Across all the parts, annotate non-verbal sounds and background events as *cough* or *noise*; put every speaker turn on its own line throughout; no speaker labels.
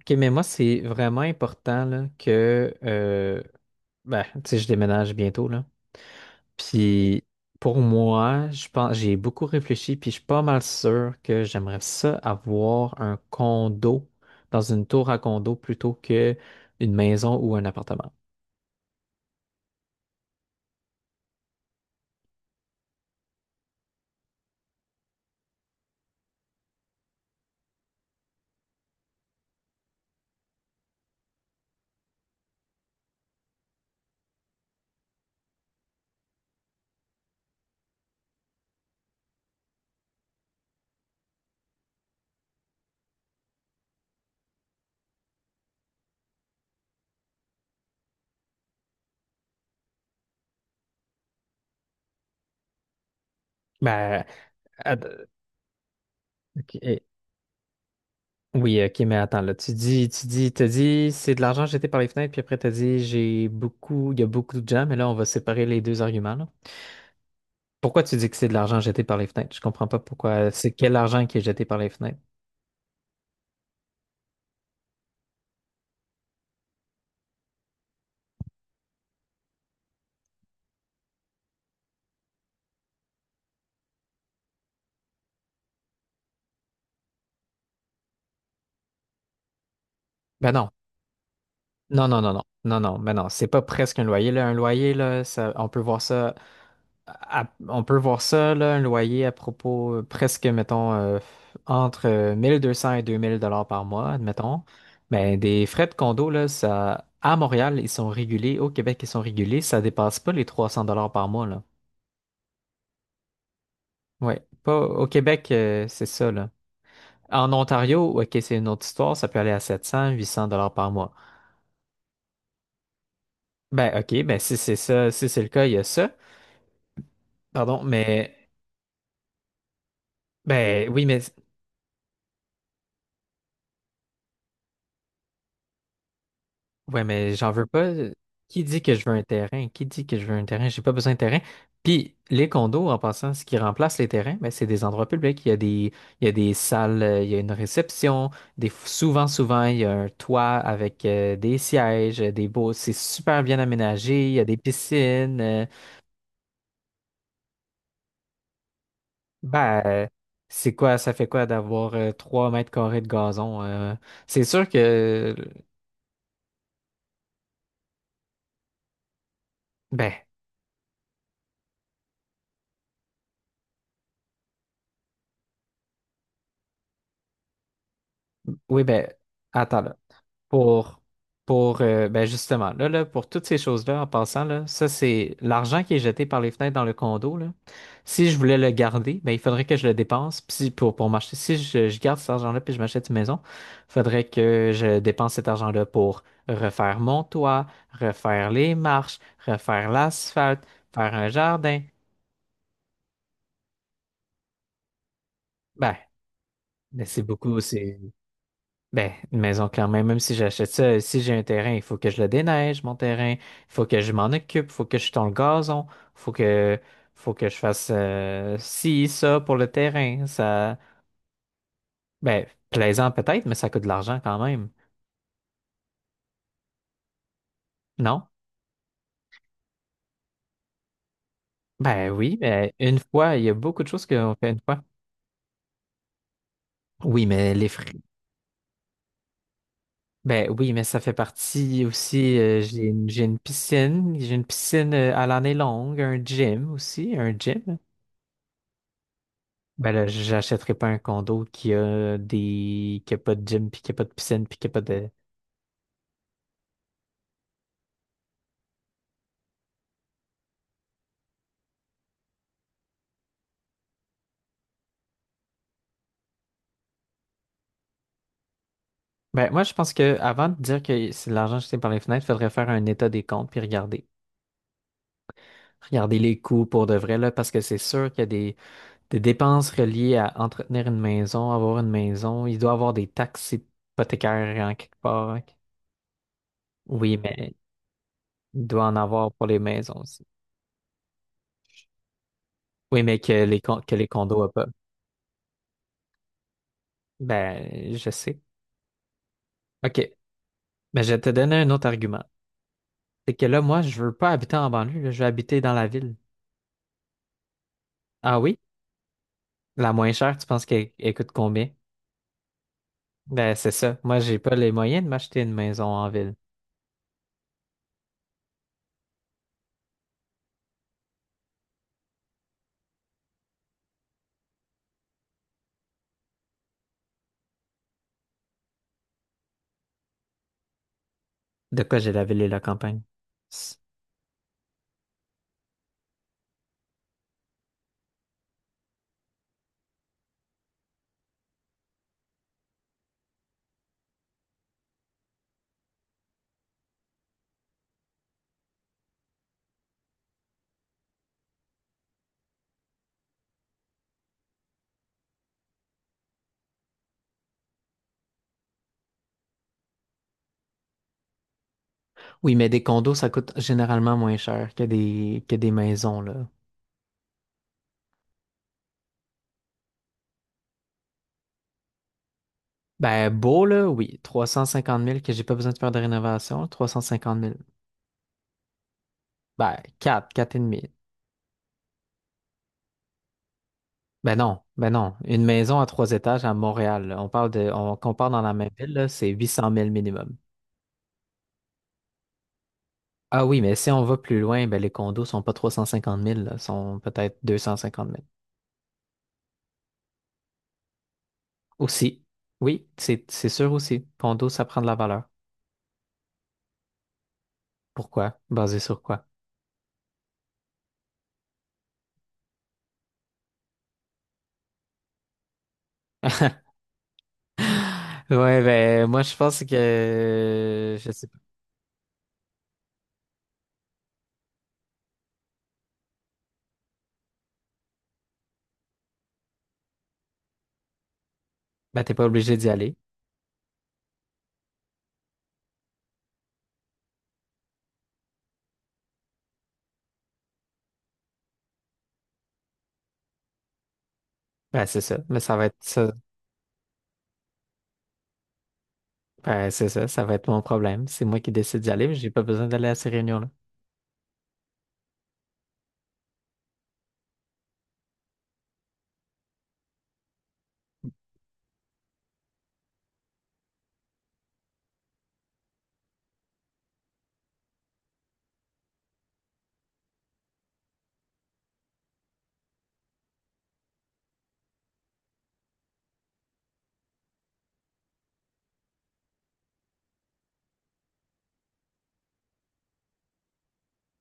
OK, mais moi, c'est vraiment important là, que ben, tu sais, je déménage bientôt, là. Puis pour moi, je pense j'ai beaucoup réfléchi, puis je suis pas mal sûr que j'aimerais ça avoir un condo dans une tour à condo plutôt que une maison ou un appartement. Ben, att- ok, oui, ok, mais attends, là, tu dis, t'as dit, c'est de l'argent jeté par les fenêtres, puis après, t'as dit, j'ai beaucoup, il y a beaucoup de gens, mais là, on va séparer les deux arguments, là. Pourquoi tu dis que c'est de l'argent jeté par les fenêtres? Je comprends pas pourquoi. C'est quel argent qui est jeté par les fenêtres? Ben non. Non, non, non, non. Non, non, ben non. C'est pas presque un loyer, là. Un loyer, là, ça, on peut voir ça. On peut voir ça, là, un loyer à propos presque, mettons, entre 1200 et 2 000 $ par mois, admettons. Ben, des frais de condo, là, ça, à Montréal, ils sont régulés. Au Québec, ils sont régulés. Ça dépasse pas les 300 $ par mois, là. Ouais. Pas, au Québec, c'est ça, là. En Ontario, ok, c'est une autre histoire, ça peut aller à 700, 800 $ par mois. Ben, ok, ben si c'est ça, si c'est le cas, il y a ça. Pardon, mais, ben oui, mais, ouais, mais j'en veux pas. Qui dit que je veux un terrain? Qui dit que je veux un terrain? J'ai pas besoin de terrain. Puis, les condos, en passant, ce qui remplace les terrains, ben, c'est des endroits publics. Il y a des salles, il y a une réception. Souvent, souvent, il y a un toit avec des sièges, des beaux, c'est super bien aménagé. Il y a des piscines. Ben, c'est quoi, ça fait quoi d'avoir 3 mètres carrés de gazon? C'est sûr que, ben, oui, ben, attends là. Pour, pour ben justement, là, pour toutes ces choses-là, en passant, là, ça, c'est l'argent qui est jeté par les fenêtres dans le condo, là. Si je voulais le garder, ben, il faudrait que je le dépense. Puis pour m'acheter, si je garde cet argent-là puis je m'achète une maison, il faudrait que je dépense cet argent-là pour refaire mon toit, refaire les marches, refaire l'asphalte, faire un jardin. Ben, mais c'est beaucoup, c'est. Ben, une maison, clairement, même si j'achète ça, si j'ai un terrain, il faut que je le déneige, mon terrain, il faut que je m'en occupe, il faut que je tond le gazon, il faut que je fasse ci, ça pour le terrain. Ça, ben, plaisant peut-être, mais ça coûte de l'argent quand même. Non? Ben oui, ben, une fois, il y a beaucoup de choses qu'on fait une fois. Oui, mais les frais. Ben oui, mais ça fait partie aussi. J'ai une piscine à l'année longue, un gym aussi, un gym. Ben là, j'achèterai pas un condo qui a pas de gym, puis qui a pas de piscine, puis qui a pas de. Ben moi, je pense que avant de dire que c'est de l'argent jeté par les fenêtres, il faudrait faire un état des comptes puis regarder. Regarder les coûts pour de vrai, là, parce que c'est sûr qu'il y a des dépenses reliées à entretenir une maison, avoir une maison. Il doit avoir des taxes hypothécaires en quelque part. Hein. Oui, mais il doit en avoir pour les maisons aussi. Oui, mais que les condos n'ont pas. Ben, je sais. OK. Ben, je vais te donner un autre argument. C'est que là, moi, je veux pas habiter en banlieue, là, je veux habiter dans la ville. Ah oui? La moins chère, tu penses qu'elle elle coûte combien? Ben, c'est ça. Moi, j'ai pas les moyens de m'acheter une maison en ville. De quoi j'ai la ville et la campagne? S- Oui, mais des condos, ça coûte généralement moins cher que des maisons, là. Ben, beau, là, oui. 350 000 que j'ai pas besoin de faire de rénovation. 350 000 Ben, 4 4 et demi. Ben non, ben non. Une maison à trois étages à Montréal, là, on compare dans la même ville, là, c'est 800 000 minimum. Ah oui, mais si on va plus loin, ben les condos sont pas 350 000, là, sont peut-être 250 000 Aussi. Oui, c'est sûr aussi. Condo, ça prend de la valeur. Pourquoi? Basé sur quoi? *laughs* Ouais, ben moi je pense que je sais pas. Ben t'es pas obligé d'y aller. Ben c'est ça. Mais ça va être ça. Ben c'est ça, ça va être mon problème. C'est moi qui décide d'y aller, mais j'ai pas besoin d'aller à ces réunions-là.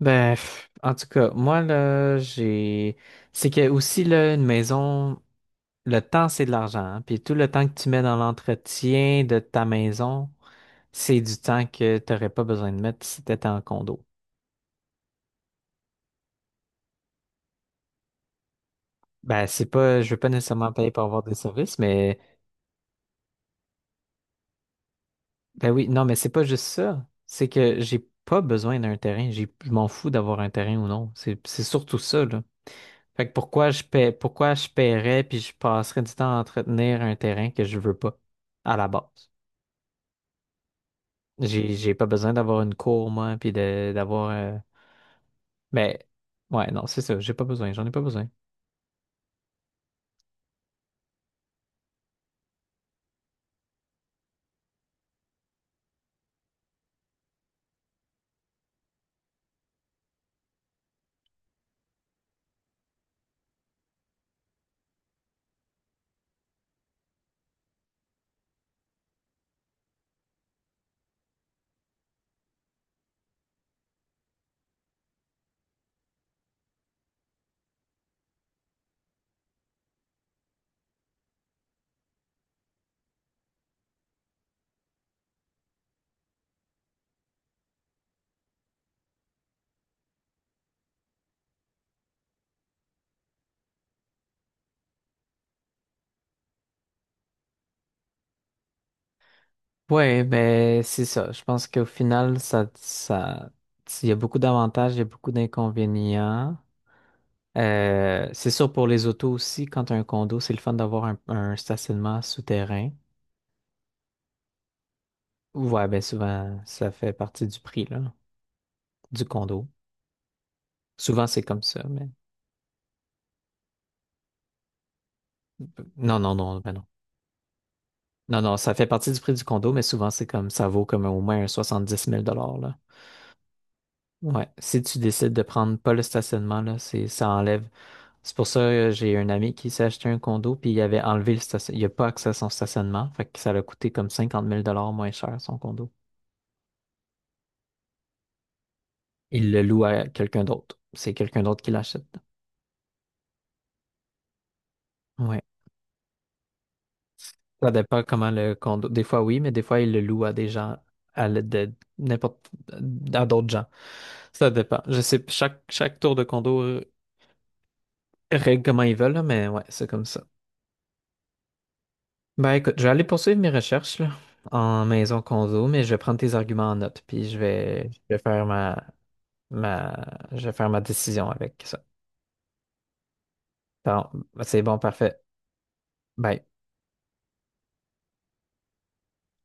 Ben pff, en tout cas, moi là, j'ai. C'est que aussi là, une maison. Le temps, c'est de l'argent. Hein. Puis tout le temps que tu mets dans l'entretien de ta maison, c'est du temps que tu n'aurais pas besoin de mettre si tu étais en condo. Ben, c'est pas, je veux pas nécessairement payer pour avoir des services, mais ben oui, non, mais c'est pas juste ça. C'est que j'ai pas besoin d'un terrain. Je m'en fous d'avoir un terrain ou non. C'est surtout ça, là. Fait que pourquoi je paierais puis je passerais du temps à entretenir un terrain que je veux pas à la base. J'ai pas besoin d'avoir une cour, moi, puis d'avoir Mais ouais, non, c'est ça, j'ai pas besoin, j'en ai pas besoin. Ouais, ben c'est ça. Je pense qu'au final, ça, il y a beaucoup d'avantages, il y a beaucoup d'inconvénients. C'est sûr pour les autos aussi, quand t'as un condo, c'est le fun d'avoir un stationnement souterrain. Ouais, ben souvent, ça fait partie du prix, là, du condo. Souvent, c'est comme ça, mais non, non, non, ben non. Non, non, ça fait partie du prix du condo, mais souvent c'est comme ça vaut comme au moins un 70 000 $ là. Ouais. Si tu décides de prendre pas le stationnement, là, ça enlève. C'est pour ça que j'ai un ami qui s'est acheté un condo, puis il avait enlevé le stationnement. Il a pas accès à son stationnement, fait que ça l'a coûté comme 50 000 $ moins cher son condo. Il le loue à quelqu'un d'autre. C'est quelqu'un d'autre qui l'achète. Ouais. Ça dépend comment le condo. Des fois oui, mais des fois il le loue à des gens, à l'aide de n'importe, à d'autres gens. Ça dépend. Je sais, chaque tour de condo règlent comment ils veulent, là, mais ouais, c'est comme ça. Ben écoute, je vais aller poursuivre mes recherches là, en maison condo, mais je vais prendre tes arguments en note, puis ma, je vais faire ma décision avec ça. Bon, c'est bon, parfait. Bye.